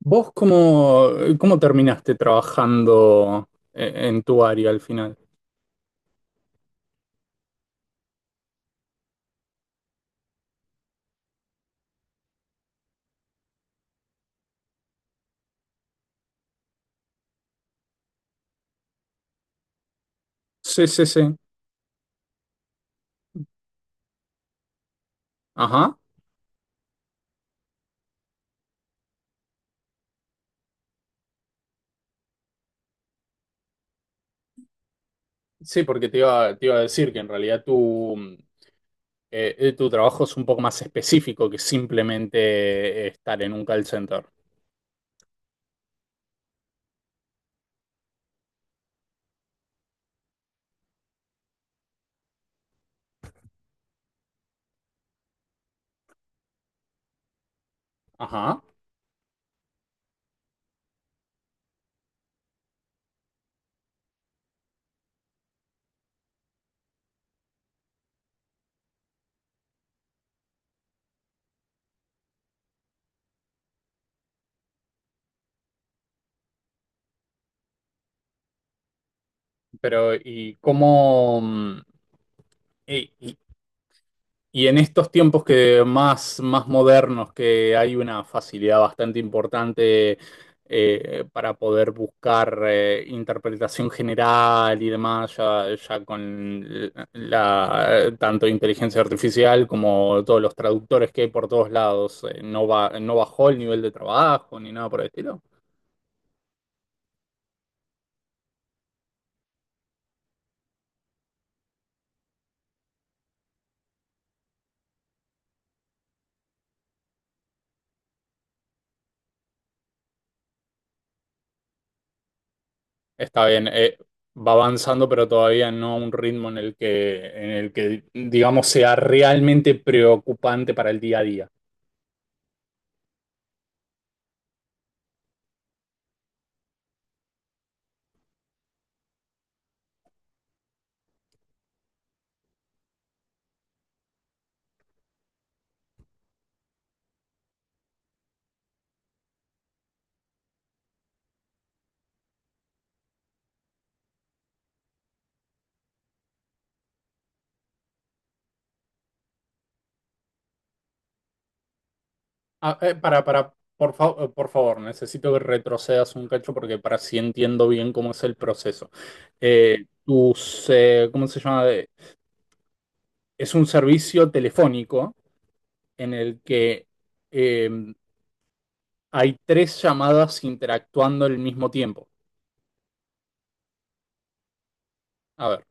¿Vos cómo, cómo terminaste trabajando en tu área al final? Sí, sí, sí. Ajá. Sí, porque te iba a decir que en realidad tu, tu trabajo es un poco más específico que simplemente estar en un call center. Ajá. Pero, ¿y cómo, y, y en estos tiempos más modernos, que hay una facilidad bastante importante para poder buscar interpretación general y demás, ya con la, tanto inteligencia artificial como todos los traductores que hay por todos lados, no bajó el nivel de trabajo ni nada por el estilo. Está bien. Va avanzando, pero todavía no a un ritmo en el que, digamos, sea realmente preocupante para el día a día. Ah, por favor, necesito que retrocedas un cacho porque para si entiendo bien cómo es el proceso. ¿Cómo se llama? Es un servicio telefónico en el que eh, hay tres llamadas interactuando al mismo tiempo. A ver,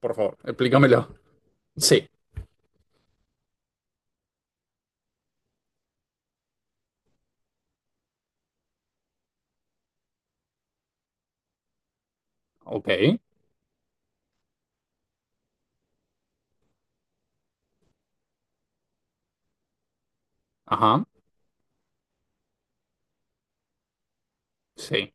por favor, explícamelo. Sí, ok, ajá, sí,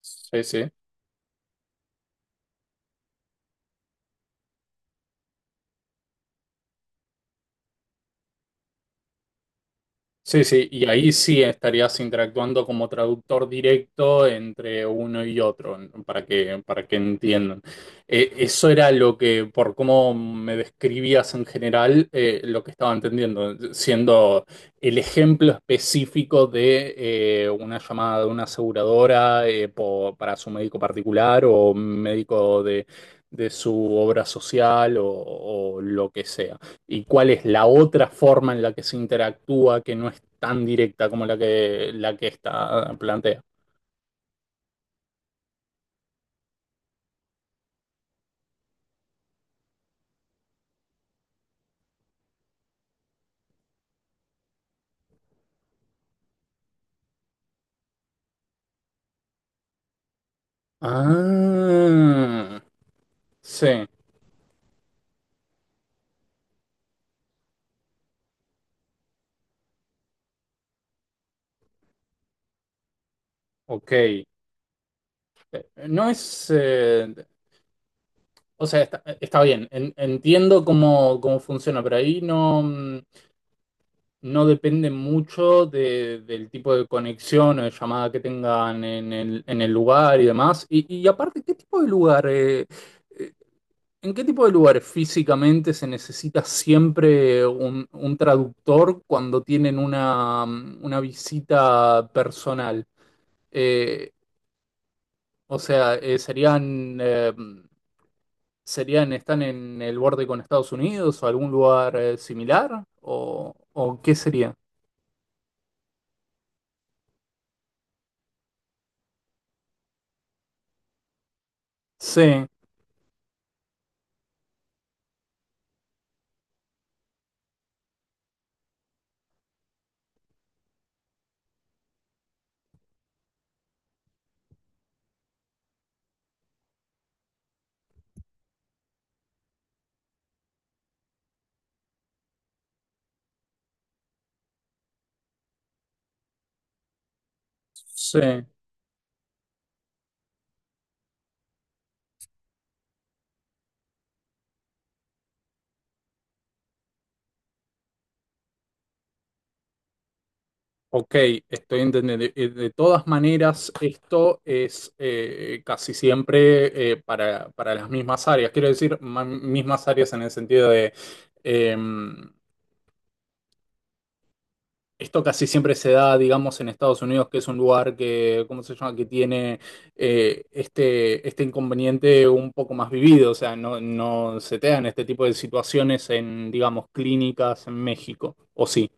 sí, sí. Sí, sí, y ahí sí estarías interactuando como traductor directo entre uno y otro, para que entiendan. Eso era lo que, por cómo me describías en general, lo que estaba entendiendo, siendo el ejemplo específico de una llamada de una aseguradora para su médico particular o médico de su obra social o lo que sea, y cuál es la otra forma en la que se interactúa que no es tan directa como la que esta plantea. Ah, sí, ok. No es, o sea, está bien, entiendo cómo funciona, pero ahí no, no depende mucho del tipo de conexión o de llamada que tengan en en el lugar y demás. Y aparte, ¿qué tipo de lugar? Eh, ¿En qué tipo de lugares físicamente se necesita siempre un traductor cuando tienen una, una visita personal? Eh, o sea, eh, ¿serían, eh, ¿Serían, están en el borde con Estados Unidos o algún lugar similar? O qué sería? Sí, sí. Ok, estoy entendiendo. De todas maneras, esto es casi siempre para las mismas áreas. Quiero decir, mismas áreas en el sentido de, eh, esto casi siempre se da, digamos, en Estados Unidos, que es un lugar que, ¿cómo se llama?, que tiene este inconveniente un poco más vivido. O sea, no, no se te dan este tipo de situaciones en, digamos, clínicas en México. ¿O sí?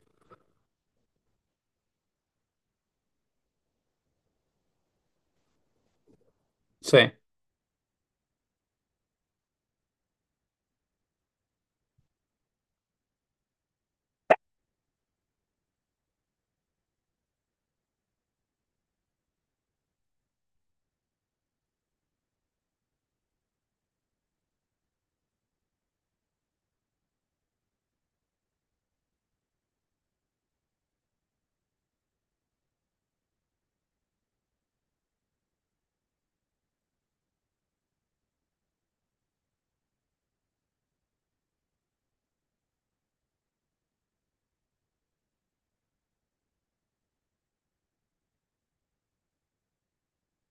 Sí.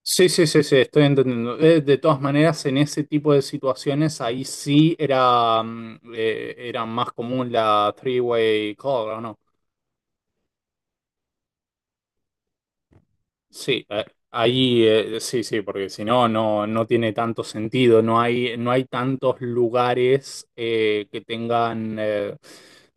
Sí, sí, sí, sí, estoy entendiendo. De todas maneras, en ese tipo de situaciones, ahí sí era, era más común la three-way call, ¿o no? Sí, ahí sí, sí, porque si no, no tiene tanto sentido, no hay, no hay tantos lugares que tengan, eh,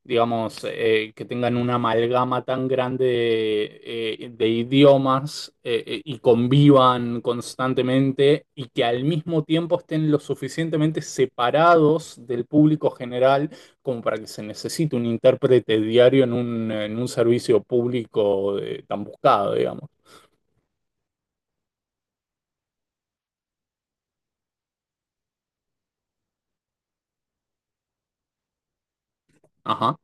digamos, eh, que tengan una amalgama tan grande de idiomas y convivan constantemente y que al mismo tiempo estén lo suficientemente separados del público general como para que se necesite un intérprete diario en un servicio público tan buscado, digamos. Ajá.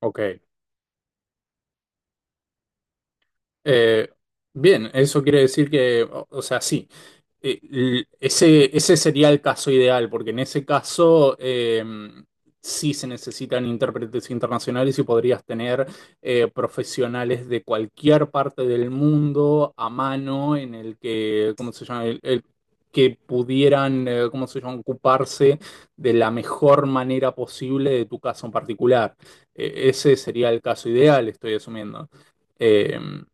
Ok. Eh, Eso quiere decir que, o sea, sí, ese sería el caso ideal, porque en ese caso sí se necesitan intérpretes internacionales y podrías tener profesionales de cualquier parte del mundo a mano en el que, ¿cómo se llama? Que pudieran, ¿cómo se llama?, ocuparse de la mejor manera posible de tu caso en particular. Ese sería el caso ideal, estoy asumiendo. Em,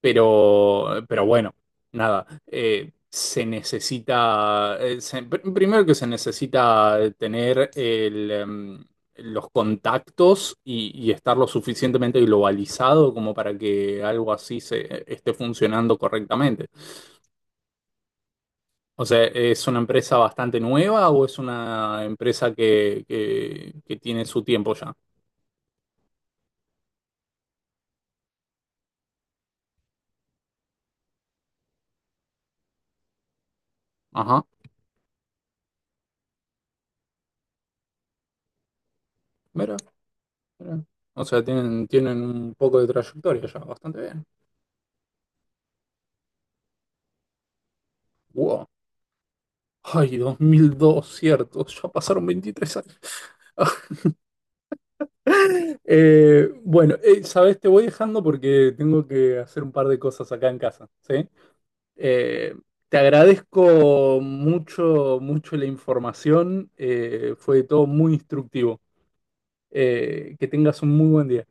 pero bueno, nada, se necesita, se- pr- primero que se necesita tener los contactos y estar lo suficientemente globalizado como para que algo así se esté funcionando correctamente. O sea, ¿es una empresa bastante nueva o es una empresa que tiene su tiempo ya? Ajá, mira, mira. O sea, tienen, tienen un poco de trayectoria ya, bastante bien. Wow. Ay, 2002, cierto. Ya pasaron 23 años. Bueno, sabes, te voy dejando porque tengo que hacer un par de cosas acá en casa, ¿sí? Eh, Te agradezco mucho, mucho la información. Fue todo muy instructivo. Que tengas un muy buen día.